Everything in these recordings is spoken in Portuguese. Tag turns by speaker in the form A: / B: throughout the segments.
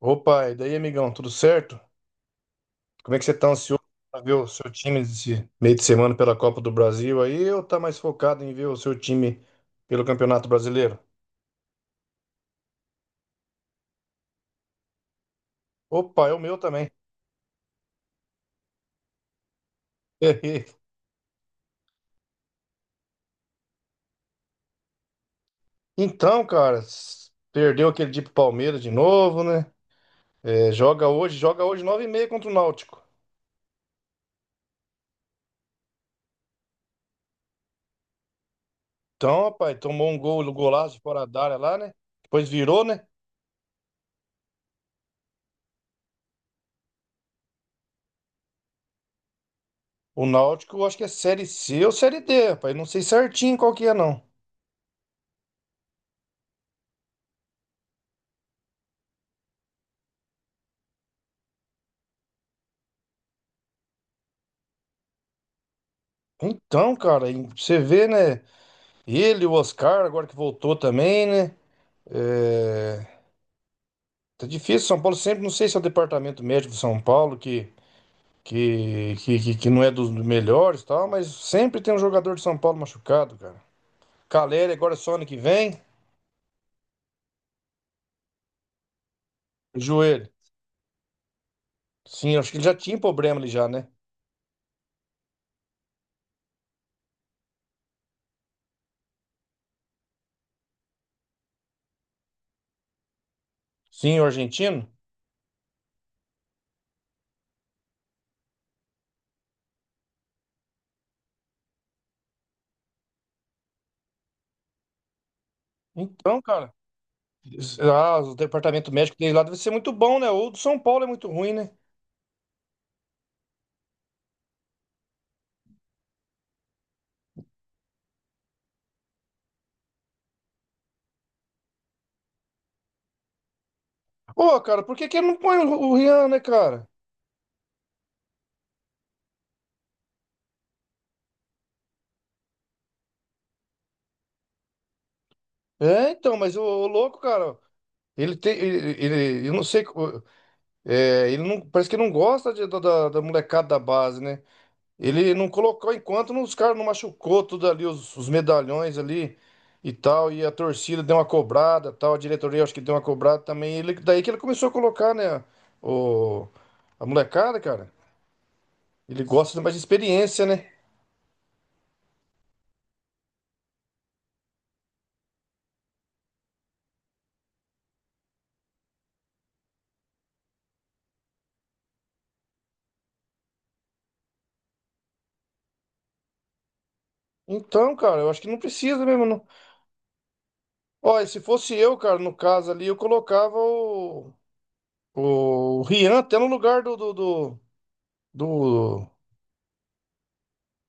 A: Opa, e daí, amigão, tudo certo? Como é que você tá ansioso pra ver o seu time esse meio de semana pela Copa do Brasil aí ou tá mais focado em ver o seu time pelo Campeonato Brasileiro? Opa, é o meu também. Então, cara, perdeu aquele dia pro Palmeiras de novo, né? É, joga hoje 21h30 contra o Náutico. Então, rapaz, tomou um gol, um golaço de fora da área lá, né? Depois virou, né? O Náutico, eu acho que é Série C ou Série D, rapaz. Não sei certinho qual que é, não. Então, cara, e você vê, né? Ele, o Oscar, agora que voltou também, né? É, tá difícil, São Paulo sempre, não sei se é o departamento médico de São Paulo que não é dos melhores e tal, mas sempre tem um jogador de São Paulo machucado, cara. Caleri agora é só ano que vem, joelho. Sim, acho que ele já tinha problema ali já, né? Sim, o argentino. Então, cara, ah, o departamento médico dele lá deve ser muito bom, né? Ou do São Paulo é muito ruim, né? Ô, cara, por que que ele não põe o Rian, né, cara? É, então, mas o louco, cara, Ele tem, ele- eu não sei, é, ele não, parece que não gosta da molecada da base, né? Ele não colocou enquanto os caras não machucou tudo ali, os medalhões ali e tal, e a torcida deu uma cobrada, tal, a diretoria acho que deu uma cobrada também. Daí que ele começou a colocar, né, o, a molecada, cara. Ele gosta de mais de experiência, né? Então, cara, eu acho que não precisa mesmo, não. Ó, e se fosse eu, cara, no caso ali, eu colocava o Rian até no lugar do, do do- Do.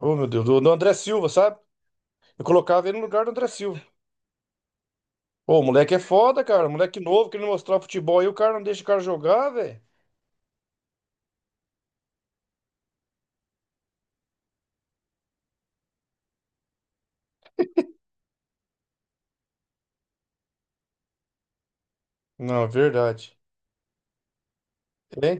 A: Oh, meu Deus, do André Silva, sabe? Eu colocava ele no lugar do André Silva. Ô, o moleque é foda, cara. Moleque novo, querendo mostrar futebol aí, o cara não deixa o cara jogar, velho. Não, verdade. É?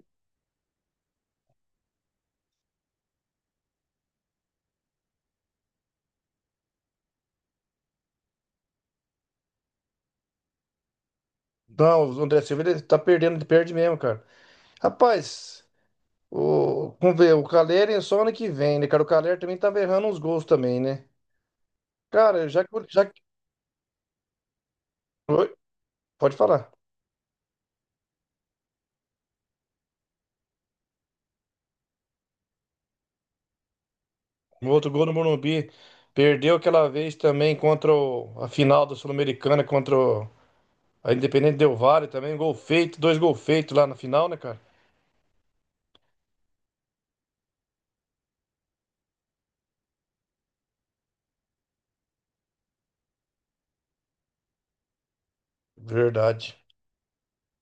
A: Não, o André Silva ele tá perdendo, ele perde mesmo, cara. Rapaz, vamos ver, o Calleri é só ano que vem, né, cara? O Calleri também tava errando uns gols também, né? Cara, já que. Já que Oi? Pode falar. O outro gol no Morumbi perdeu aquela vez também contra a final da Sul-Americana contra o. A Independente Del Valle também, gol feito, dois gol feitos lá na final, né, cara? Verdade.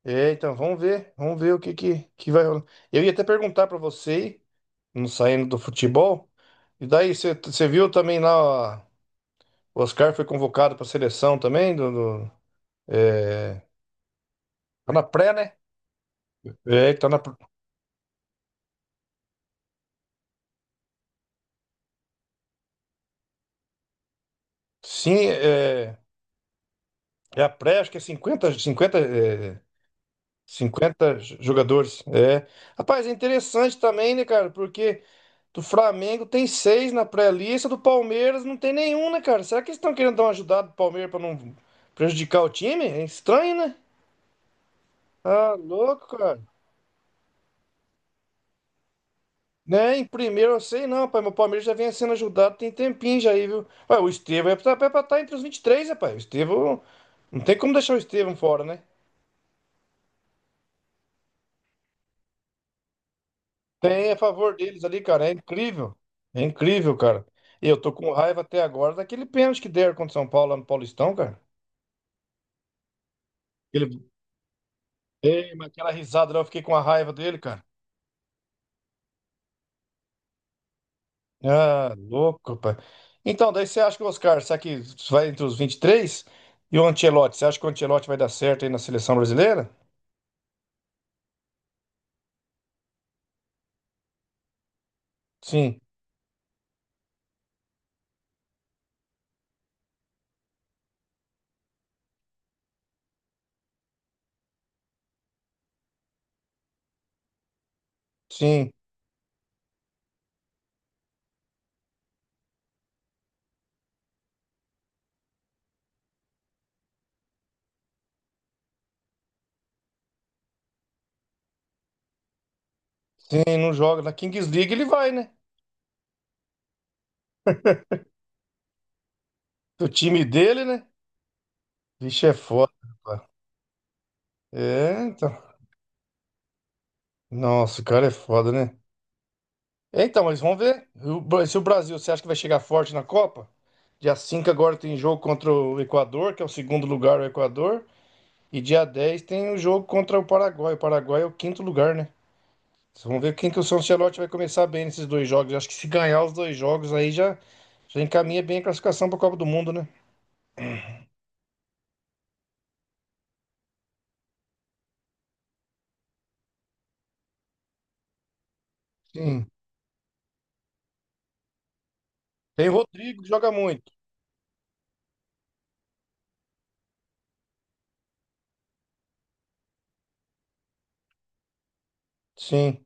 A: É, então vamos ver o que que vai rolar. Eu ia até perguntar pra você, aí, não saindo do futebol, e daí você viu também lá, ó, o Oscar foi convocado pra seleção também, é, tá na pré, né? É, tá na, sim, é a pré, acho que é cinquenta, é, 50 jogadores. É. Rapaz, é interessante também, né, cara? Porque do Flamengo tem seis na pré-lista, do Palmeiras não tem nenhum, né, cara? Será que eles estão querendo dar uma ajudada pro Palmeiras pra não prejudicar o time? É estranho, né? Ah, louco, cara. Né? Em primeiro eu sei não, pai, mas o Palmeiras já vem sendo ajudado tem tempinho já aí, viu? Ué, o Estevão é pra estar entre os 23, rapaz. O Estevão. Não tem como deixar o Estevão fora, né? Tem a favor deles ali, cara. É incrível. É incrível, cara. E eu tô com raiva até agora daquele pênalti que deram contra o São Paulo lá no Paulistão, cara. Ei, mas aquela risada lá, eu fiquei com a raiva dele, cara. Ah, louco, pai. Então, daí você acha que o Oscar, será que vai entre os 23? E o Ancelotti, você acha que o Ancelotti vai dar certo aí na seleção brasileira? Sim, sim, sim, não joga. Na Kings League ele vai, né? O time dele, né? Vixe, é foda, rapaz. É, então. Nossa, o cara é foda, né? É, então, mas vamos ver. Se o Brasil, você acha que vai chegar forte na Copa? Dia 5 agora tem jogo contra o Equador, que é o segundo lugar, o Equador. E dia 10 tem o jogo contra o Paraguai. O Paraguai é o quinto lugar, né? Vamos ver quem que o São Ancelotti vai começar bem nesses dois jogos. Acho que se ganhar os dois jogos aí já, já encaminha bem a classificação para a Copa do Mundo, né? Sim. Tem o Rodrigo que joga muito. Sim.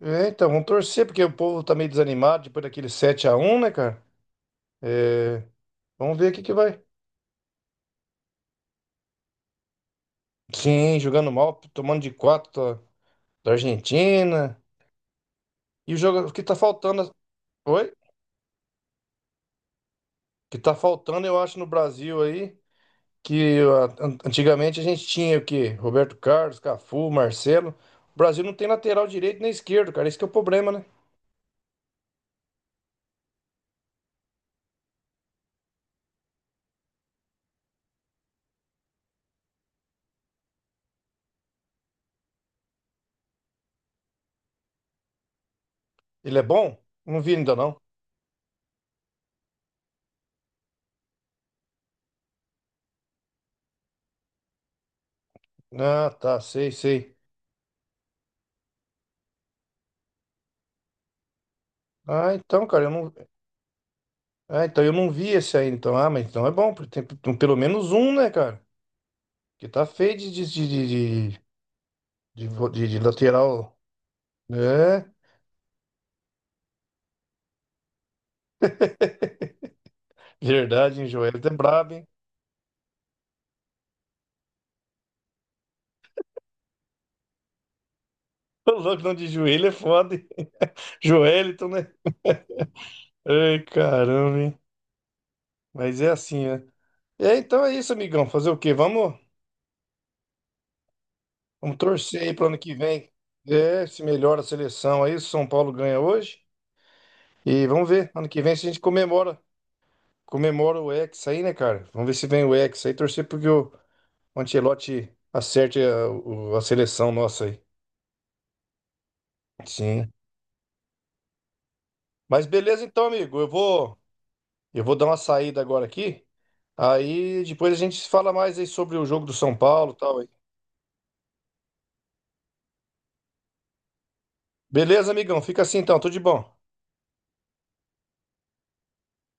A: É, então, vamos torcer, porque o povo tá meio desanimado depois daquele 7 a 1, né, cara? É, vamos ver o que que vai. Sim, jogando mal, tomando de 4 da Argentina. E o jogo o que tá faltando. Oi? O que tá faltando, eu acho, no Brasil aí. Que antigamente a gente tinha o quê? Roberto Carlos, Cafu, Marcelo. O Brasil não tem lateral direito nem esquerdo, cara. Esse que é o problema, né? Ele é bom? Não vi ainda não. Ah, tá, sei, sei. Ah, então, cara, eu não. Ah, então eu não vi esse aí, então. Ah, mas então é bom, porque tem pelo menos um, né, cara? Que tá feio de lateral. É, verdade, hein? Joelito é brabo, hein? O louco não de joelho é foda, hein? Joelito, né? Ai, caramba, hein? Mas é assim, né? É, então é isso, amigão. Fazer o quê? Vamos torcer aí pro ano que vem. É, se melhora a seleção aí, se o São Paulo ganha hoje. E vamos ver, ano que vem se a gente comemora o Hexa aí, né, cara? Vamos ver se vem o Hexa aí, torcer porque o Ancelotti acerte a seleção nossa aí. Sim. Mas beleza então, amigo. Eu vou dar uma saída agora aqui. Aí depois a gente fala mais aí sobre o jogo do São Paulo e tal aí. Beleza, amigão? Fica assim então, tudo de bom.